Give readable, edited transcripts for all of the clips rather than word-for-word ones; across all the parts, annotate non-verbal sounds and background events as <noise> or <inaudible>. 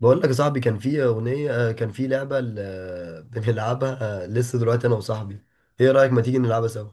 بقول لك يا صاحبي، كان في أغنية، كان في لعبة بنلعبها. لسه دلوقتي أنا وصاحبي. إيه رأيك ما تيجي نلعبها سوا؟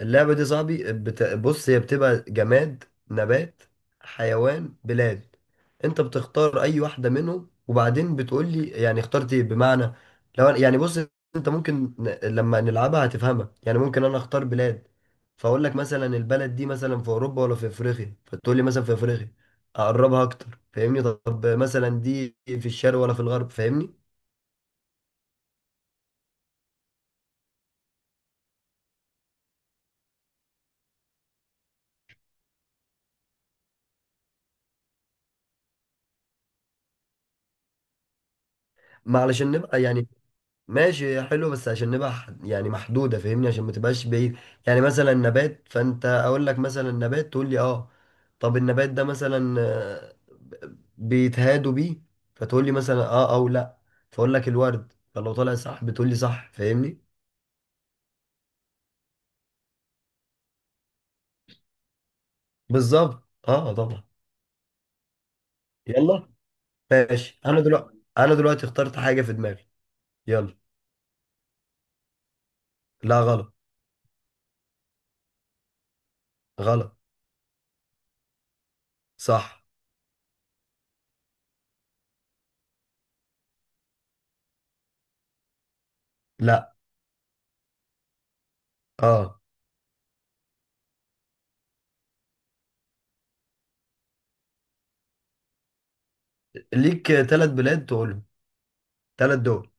اللعبة دي صاحبي بص، هي بتبقى جماد، نبات، حيوان، بلاد. انت بتختار اي واحدة منهم وبعدين بتقول لي يعني اخترت ايه. بمعنى لو يعني بص، انت ممكن لما نلعبها هتفهمها. يعني ممكن انا اختار بلاد، فاقول لك مثلا البلد دي مثلا في اوروبا ولا في افريقيا، فتقول لي مثلا في افريقيا. اقربها اكتر، فاهمني؟ طب مثلا دي في الشرق ولا في الغرب، فاهمني؟ ما علشان نبقى يعني. ماشي، حلو، بس عشان نبقى يعني محدودة، فاهمني؟ عشان ما تبقاش بعيد. يعني مثلا نبات، فانت اقول لك مثلا نبات تقول لي اه. طب النبات ده مثلا، بيتهادوا بيه؟ فتقول لي مثلا اه او لا. فاقول لك الورد، فلو طلع صح بتقول لي صح، فاهمني؟ بالظبط، اه طبعا. يلا. ماشي، انا دلوقتي انا دلوقتي اخترت حاجة في دماغي. يلا. لا، غلط. غلط. صح. لا. اه. ليك ثلاث بلاد تقولهم، ثلاث دول.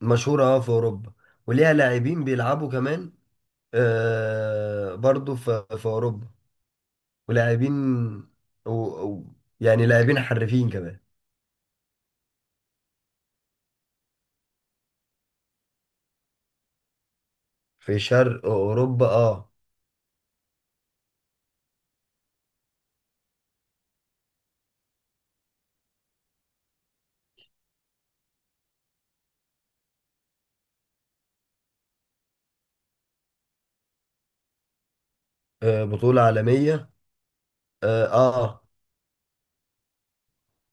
مشهورة، اه، في أوروبا. وليها لاعبين بيلعبوا كمان. آه، برضو في أوروبا. ولاعبين. و... و... يعني لاعبين حرفيين كمان. في شرق أوروبا، اه. آه، بطولة عالمية. اه، آه.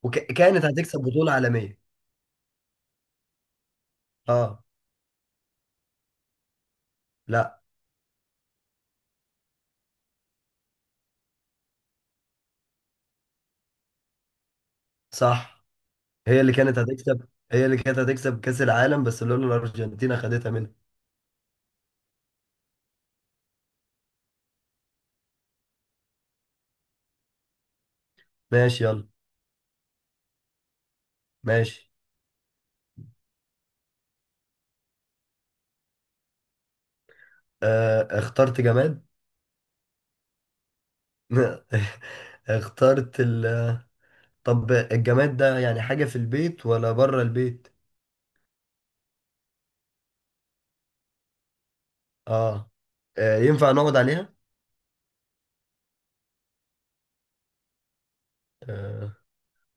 وكانت هتكسب بطولة عالمية. اه. لا. صح. هي اللي كانت هتكسب، هي اللي كانت هتكسب كأس العالم بس لولا الأرجنتين خدتها منها. ماشي، يلا. ماشي. آه، اخترت جماد. <laughs> اخترت طب الجماد ده يعني حاجة في البيت ولا بره البيت؟ اه. ينفع نقعد عليها؟ آه.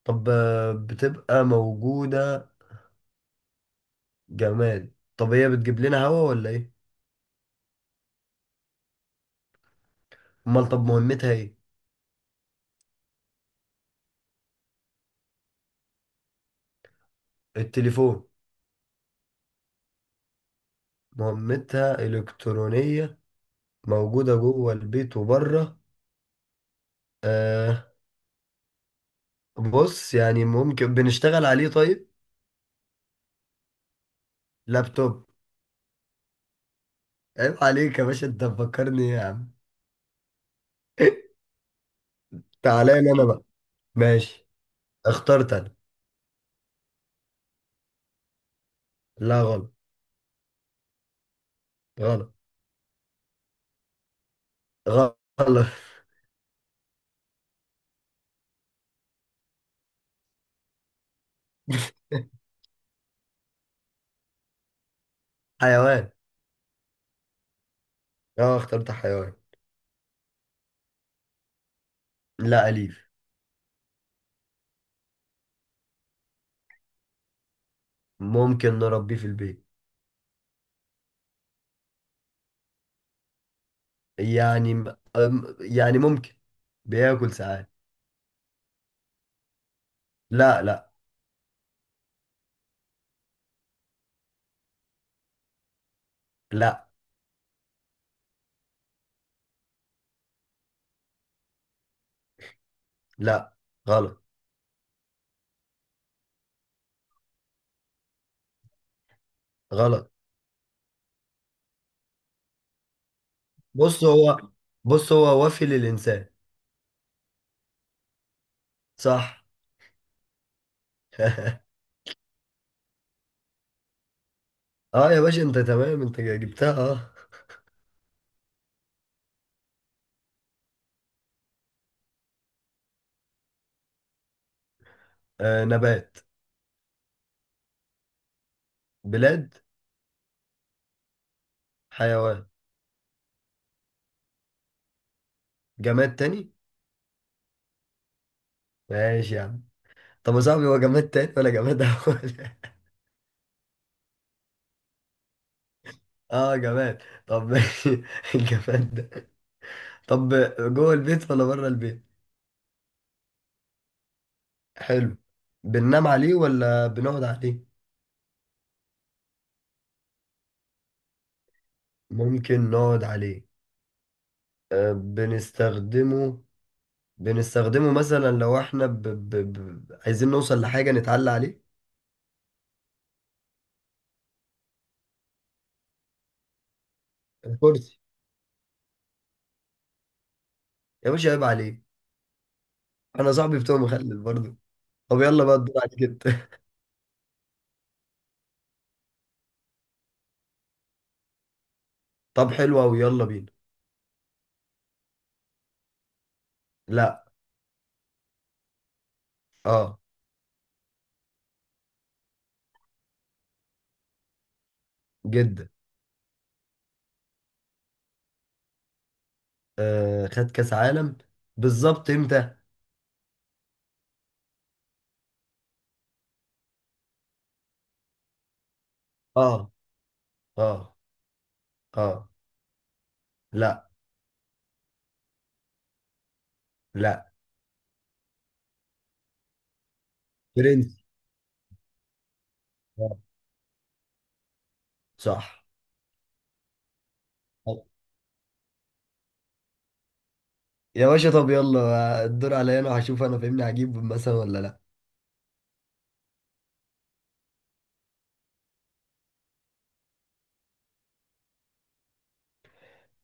طب، بتبقى موجودة. جماد، طب هي بتجيب لنا هوا ولا ايه؟ امال طب مهمتها ايه؟ التليفون. مهمتها إلكترونية، موجودة جوه البيت وبره. آه. بص، يعني ممكن بنشتغل عليه، طيب؟ لابتوب. عيب عليك يا باشا، انت مفكرني إيه يا عم. <laughs> تعالى لي انا بقى. ماشي. اخترت انا. لا، غلط. غلط. غلط. حيوان. اه، اخترت حيوان. لا، أليف. ممكن نربيه في البيت. يعني م- يعني ممكن، بياكل ساعات. لا، لا. لا. لا. غلط. غلط. بص هو بص هو وفي للإنسان. صح. <laughs> اه يا باشا، انت تمام، انت جبتها، اه. آه، نبات. بلاد. حيوان. جماد تاني. ماشي يا عم. طب يا صاحبي، هو جماد تاني ولا جماد أول؟ <laughs> اه جماد، طب ماشي. <laughs> الجماد ده، طب جوه البيت ولا بره البيت؟ حلو. بننام عليه ولا بنقعد عليه؟ ممكن نقعد عليه. أه، بنستخدمه. بنستخدمه مثلا لو احنا عايزين نوصل لحاجة نتعلى عليه. الكرسي. يا باشا عيب عليه، انا صاحبي بتوع مخلل برضه. طب يلا بقى الدور عليك انت. <laughs> طب حلو قوي، يلا بينا. لا. اه. جدا. أه، خد كاس عالم. بالظبط امتى؟ اه. اه. اه. لا. لا. برنس. آه. صح. يا باشا طب يلا الدور عليا انا، هشوف انا فاهمني هجيب مثلا ولا لا.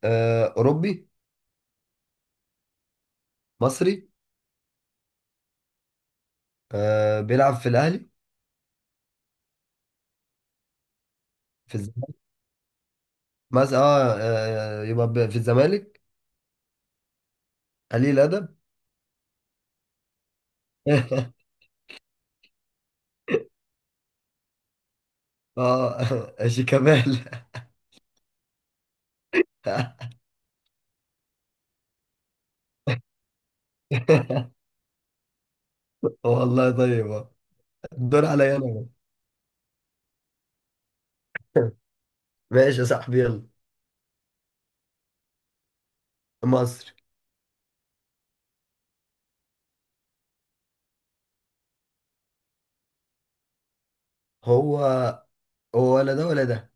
اوروبي. مصري. بيلعب في الاهلي. في الزمالك مثلا، اه، يبقى في الزمالك. قليل ادب. <laughs> اه <laughs> شيكابالا. <laughs> والله طيب، آه. الدور عليا انا. <laughs> ماشي يا صاحبي، يلا. مصري. هو، هو ولا ده ولا ده.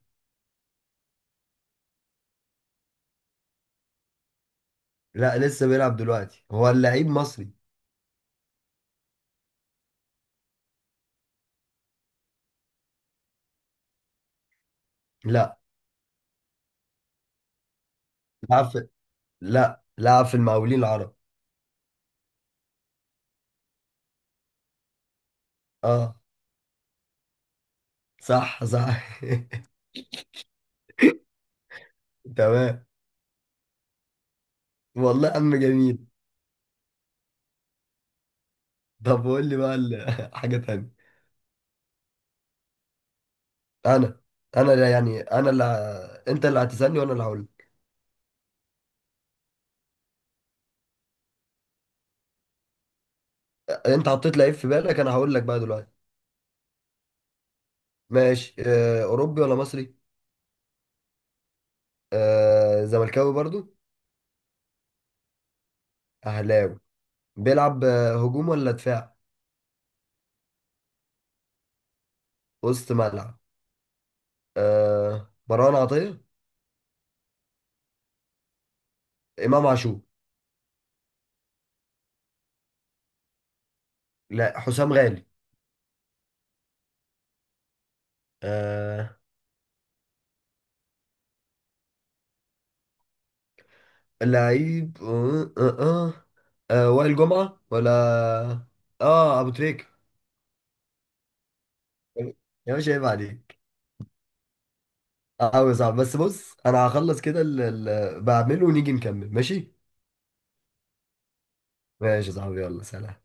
لا، لسه بيلعب دلوقتي، هو اللعيب مصري. لا لعب في لا لعب في المقاولين العرب. آه. صح، صح. <laughs> تمام. والله أم جميل. طب قول لي بقى <laughs> حاجة تانية. أنا. أنا اللي يعني، أنا اللي أنت اللي هتسألني وأنا اللي هقول لك. أنت حطيت لعيب في بالك، أنا هقول لك بقى دلوقتي. ماشي. أوروبي ولا مصري؟ زملكاوي برضو؟ أهلاوي. بيلعب هجوم ولا دفاع؟ وسط ملعب. مروان عطية. إمام عاشور. لا، حسام غالي. آه. لعيب وائل جمعة ولا اه ابو تريكة. يا باشا عيب عليك. قوي صعب، بس بص انا هخلص كده اللي بعمله ونيجي نكمل، ماشي؟ ماشي يا صاحبي، يلا، سلام.